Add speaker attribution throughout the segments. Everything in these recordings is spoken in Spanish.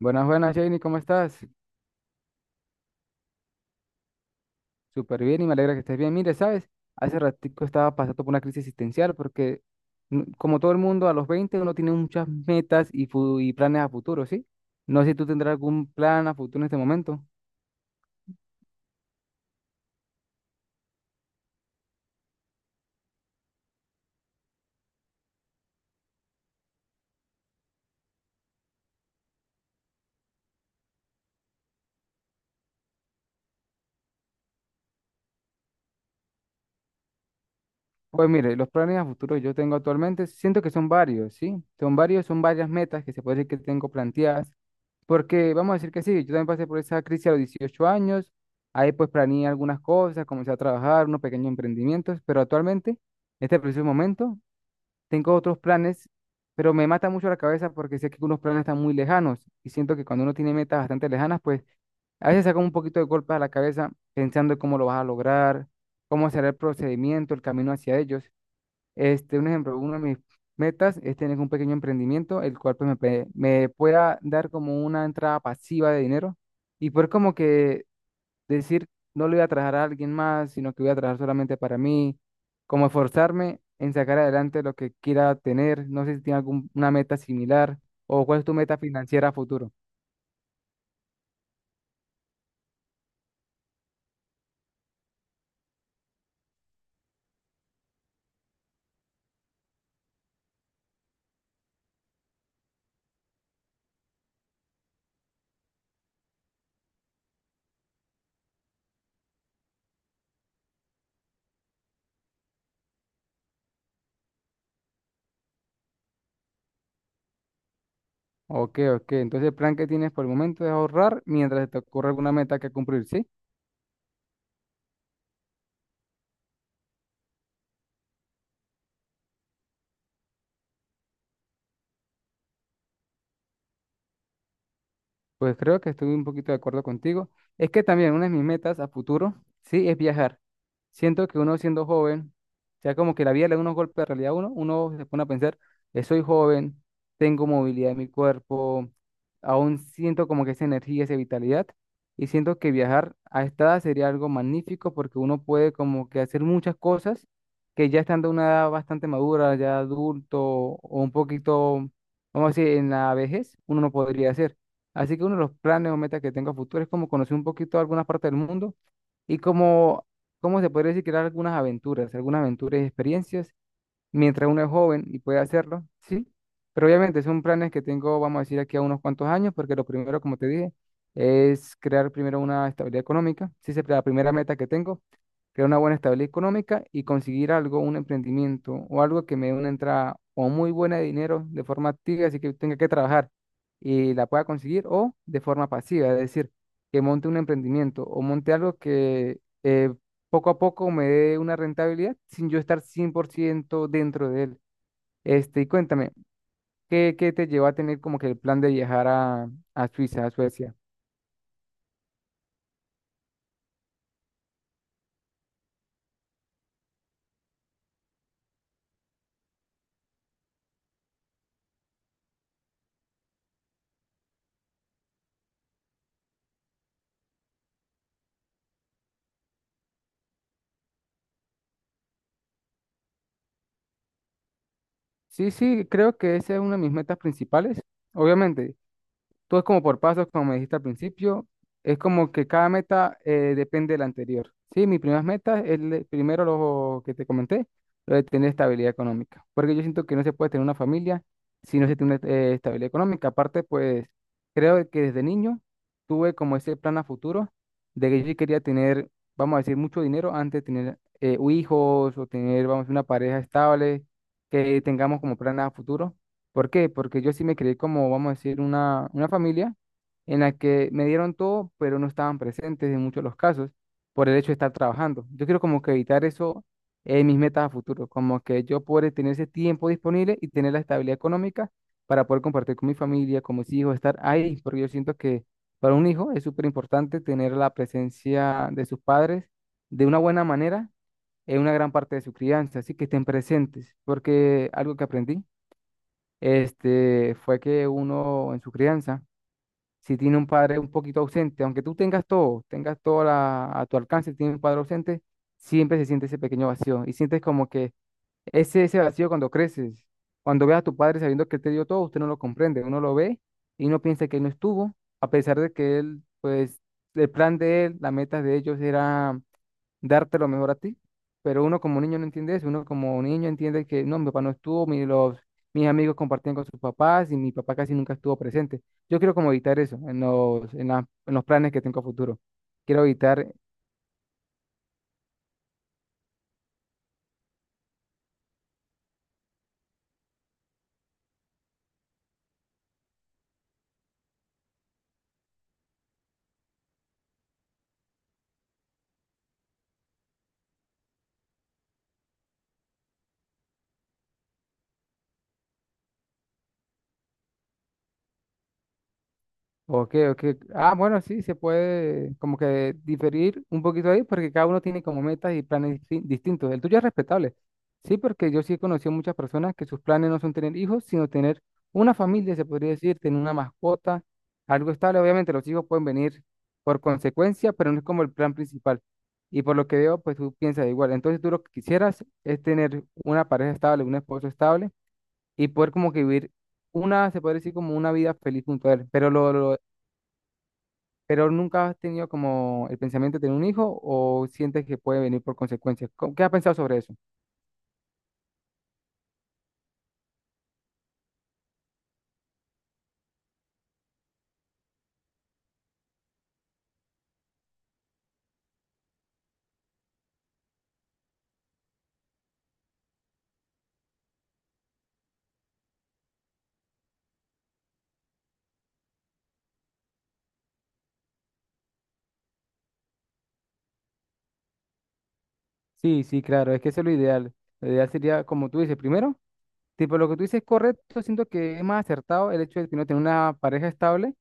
Speaker 1: Buenas, buenas, Janie, ¿cómo estás? Súper bien y me alegra que estés bien. Mire, ¿sabes? Hace ratico estaba pasando por una crisis existencial porque, como todo el mundo, a los 20 uno tiene muchas metas y, y planes a futuro, ¿sí? No sé si tú tendrás algún plan a futuro en este momento. Pues mire, los planes a futuro que yo tengo actualmente, siento que son varios, ¿sí? Son varios, son varias metas que se puede decir que tengo planteadas. Porque vamos a decir que sí, yo también pasé por esa crisis a los 18 años, ahí pues planeé algunas cosas, comencé a trabajar, unos pequeños emprendimientos, pero actualmente, este preciso momento, tengo otros planes, pero me mata mucho la cabeza porque sé que unos planes están muy lejanos y siento que cuando uno tiene metas bastante lejanas, pues a veces saca un poquito de golpes a la cabeza pensando en cómo lo vas a lograr, cómo será el procedimiento, el camino hacia ellos. Este, un ejemplo, una de mis metas es tener un pequeño emprendimiento, el cual pues, me pueda dar como una entrada pasiva de dinero y poder como que decir, no le voy a trabajar a alguien más, sino que voy a trabajar solamente para mí, como esforzarme en sacar adelante lo que quiera tener. No sé si tiene alguna meta similar o cuál es tu meta financiera a futuro. Ok, ok. Entonces el plan que tienes por el momento es ahorrar mientras se te ocurre alguna meta que cumplir, ¿sí? Pues creo que estoy un poquito de acuerdo contigo. Es que también una de mis metas a futuro, sí, es viajar. Siento que uno siendo joven, ya como que la vida le da unos golpes de realidad a uno, uno se pone a pensar, soy joven, tengo movilidad en mi cuerpo, aún siento como que esa energía, esa vitalidad, y siento que viajar a esta edad sería algo magnífico porque uno puede como que hacer muchas cosas que ya estando a una edad bastante madura, ya adulto o un poquito, vamos a decir, en la vejez, uno no podría hacer. Así que uno de los planes o metas que tengo a futuro es como conocer un poquito algunas partes del mundo y como se podría decir, crear algunas aventuras y experiencias mientras uno es joven y puede hacerlo, sí. Pero obviamente son planes que tengo, vamos a decir, aquí a unos cuantos años, porque lo primero, como te dije, es crear primero una estabilidad económica. Sí, esa es la primera meta que tengo, crear una buena estabilidad económica y conseguir algo, un emprendimiento o algo que me dé una entrada o muy buena de dinero de forma activa, así que tenga que trabajar y la pueda conseguir, o de forma pasiva, es decir, que monte un emprendimiento o monte algo que poco a poco me dé una rentabilidad sin yo estar 100% dentro de él. Este, y cuéntame, ¿qué te llevó a tener como que el plan de viajar a Suiza, a Suecia? Sí, sí, creo que esa es una de mis metas principales. Obviamente, todo es como por pasos, como me dijiste al principio. Es como que cada meta depende de la anterior. Sí, mis primeras metas es primero lo que te comenté, lo de tener estabilidad económica. Porque yo siento que no se puede tener una familia si no se tiene estabilidad económica. Aparte, pues creo que desde niño tuve como ese plan a futuro de que yo sí quería tener, vamos a decir, mucho dinero antes de tener hijos o tener, vamos a decir, una pareja estable, que tengamos como plan a futuro. ¿Por qué? Porque yo sí me creí como, vamos a decir, una familia en la que me dieron todo, pero no estaban presentes en muchos de los casos por el hecho de estar trabajando. Yo quiero como que evitar eso en mis metas a futuro, como que yo poder tener ese tiempo disponible y tener la estabilidad económica para poder compartir con mi familia, con mis hijos, estar ahí, porque yo siento que para un hijo es súper importante tener la presencia de sus padres de una buena manera en una gran parte de su crianza, así que estén presentes, porque algo que aprendí este, fue que uno en su crianza, si tiene un padre un poquito ausente, aunque tú tengas todo a tu alcance, tiene un padre ausente, siempre se siente ese pequeño vacío y sientes como que ese vacío cuando creces, cuando ves a tu padre sabiendo que él te dio todo, usted no lo comprende, uno lo ve y uno piensa que él no estuvo, a pesar de que él, pues, el plan de él, las metas de ellos era darte lo mejor a ti. Pero uno como niño no entiende eso, uno como niño entiende que no, mi papá no estuvo, mis amigos compartían con sus papás y mi papá casi nunca estuvo presente. Yo quiero como evitar eso en en los planes que tengo a futuro. Quiero evitar. Ok, ok. Ah, bueno, sí, se puede como que diferir un poquito ahí porque cada uno tiene como metas y planes distintos. El tuyo es respetable. Sí, porque yo sí he conocido muchas personas que sus planes no son tener hijos, sino tener una familia, se podría decir, tener una mascota, algo estable. Obviamente los hijos pueden venir por consecuencia, pero no es como el plan principal. Y por lo que veo, pues tú piensas igual. Entonces tú lo que quisieras es tener una pareja estable, un esposo estable y poder como que vivir una, se puede decir como una vida feliz junto a él. Pero lo pero nunca has tenido como el pensamiento de tener un hijo o sientes que puede venir por consecuencias. ¿Qué has pensado sobre eso? Sí, sí, claro, es que eso es lo ideal. Lo ideal sería, como tú dices, primero. Tipo, lo que tú dices es correcto, siento que es más acertado el hecho de que uno tener una pareja estable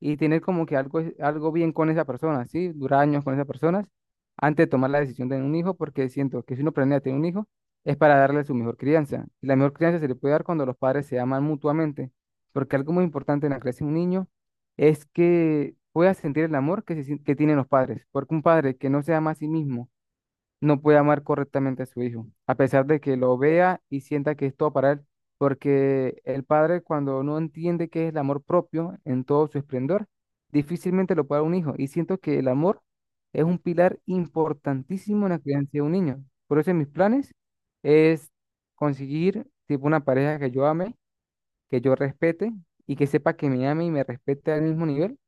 Speaker 1: y tener como que algo bien con esa persona, ¿sí? Durar años con esas personas antes de tomar la decisión de tener un hijo, porque siento que si uno planea tener un hijo es para darle su mejor crianza. Y la mejor crianza se le puede dar cuando los padres se aman mutuamente, porque algo muy importante en la creación de un niño es que pueda sentir el amor que tienen los padres, porque un padre que no se ama a sí mismo, no puede amar correctamente a su hijo, a pesar de que lo vea y sienta que es todo para él, porque el padre cuando no entiende qué es el amor propio en todo su esplendor, difícilmente lo puede dar a un hijo. Y siento que el amor es un pilar importantísimo en la crianza de un niño. Por eso en mis planes es conseguir tipo una pareja que yo ame, que yo respete y que sepa que me ame y me respete al mismo nivel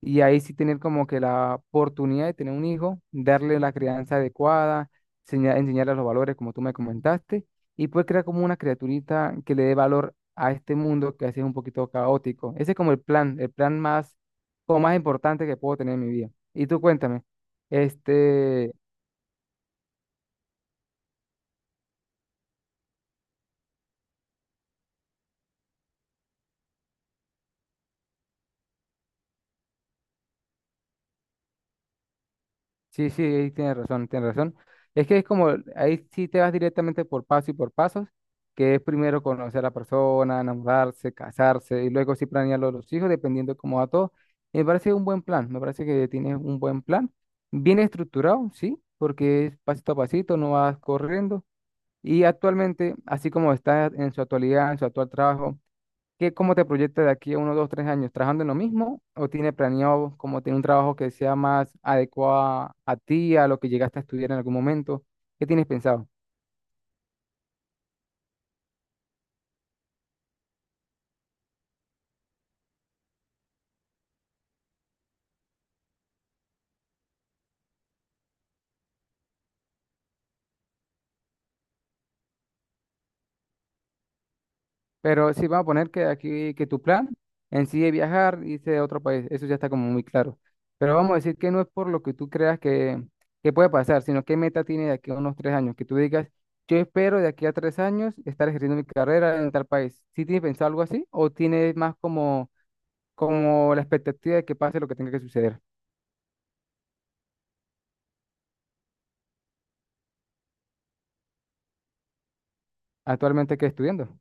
Speaker 1: y ahí sí tener como que la oportunidad de tener un hijo, darle la crianza adecuada, enseñarle los valores como tú me comentaste, y pues crear como una criaturita que le dé valor a este mundo que a veces es un poquito caótico. Ese es como el plan más, como más importante que puedo tener en mi vida. Y tú cuéntame, este. Sí, sí, ahí tienes razón, tienes razón. Es que es como, ahí sí te vas directamente por paso y por pasos, que es primero conocer a la persona, enamorarse, casarse, y luego sí planear lo de los hijos, dependiendo de cómo va todo. Me parece un buen plan, me parece que tienes un buen plan, bien estructurado, sí, porque es pasito a pasito, no vas corriendo. Y actualmente, así como está en su actualidad, en su actual trabajo, ¿cómo te proyectas de aquí a uno, dos, tres años? ¿Trabajando en lo mismo o tiene planeado como tener un trabajo que sea más adecuado a ti, a lo que llegaste a estudiar en algún momento? ¿Qué tienes pensado? Pero sí, vamos a poner que aquí, que tu plan en sí es viajar, irse a otro país, eso ya está como muy claro. Pero vamos a decir que no es por lo que tú creas que puede pasar, sino qué meta tienes de aquí a unos 3 años, que tú digas, yo espero de aquí a 3 años estar ejerciendo mi carrera en tal país. ¿Sí tienes pensado algo así o tienes más como la expectativa de que pase lo que tenga que suceder? Actualmente, ¿qué estudiando?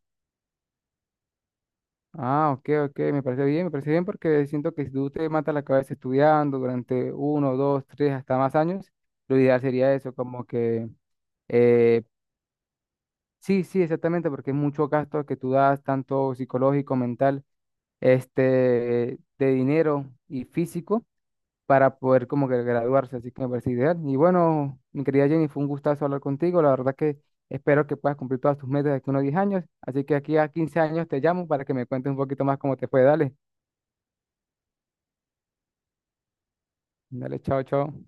Speaker 1: Ah, ok, ok, me parece bien porque siento que si tú te matas la cabeza estudiando durante uno, dos, tres, hasta más años, lo ideal sería eso, como que eh, sí, sí, exactamente, porque es mucho gasto que tú das, tanto psicológico, mental, este, de dinero y físico para poder como que graduarse, así que me parece ideal. Y bueno, mi querida Jenny, fue un gustazo hablar contigo, la verdad que espero que puedas cumplir todas tus metas de aquí a unos 10 años, así que aquí a 15 años te llamo para que me cuentes un poquito más cómo te fue, dale, dale, chao, chao.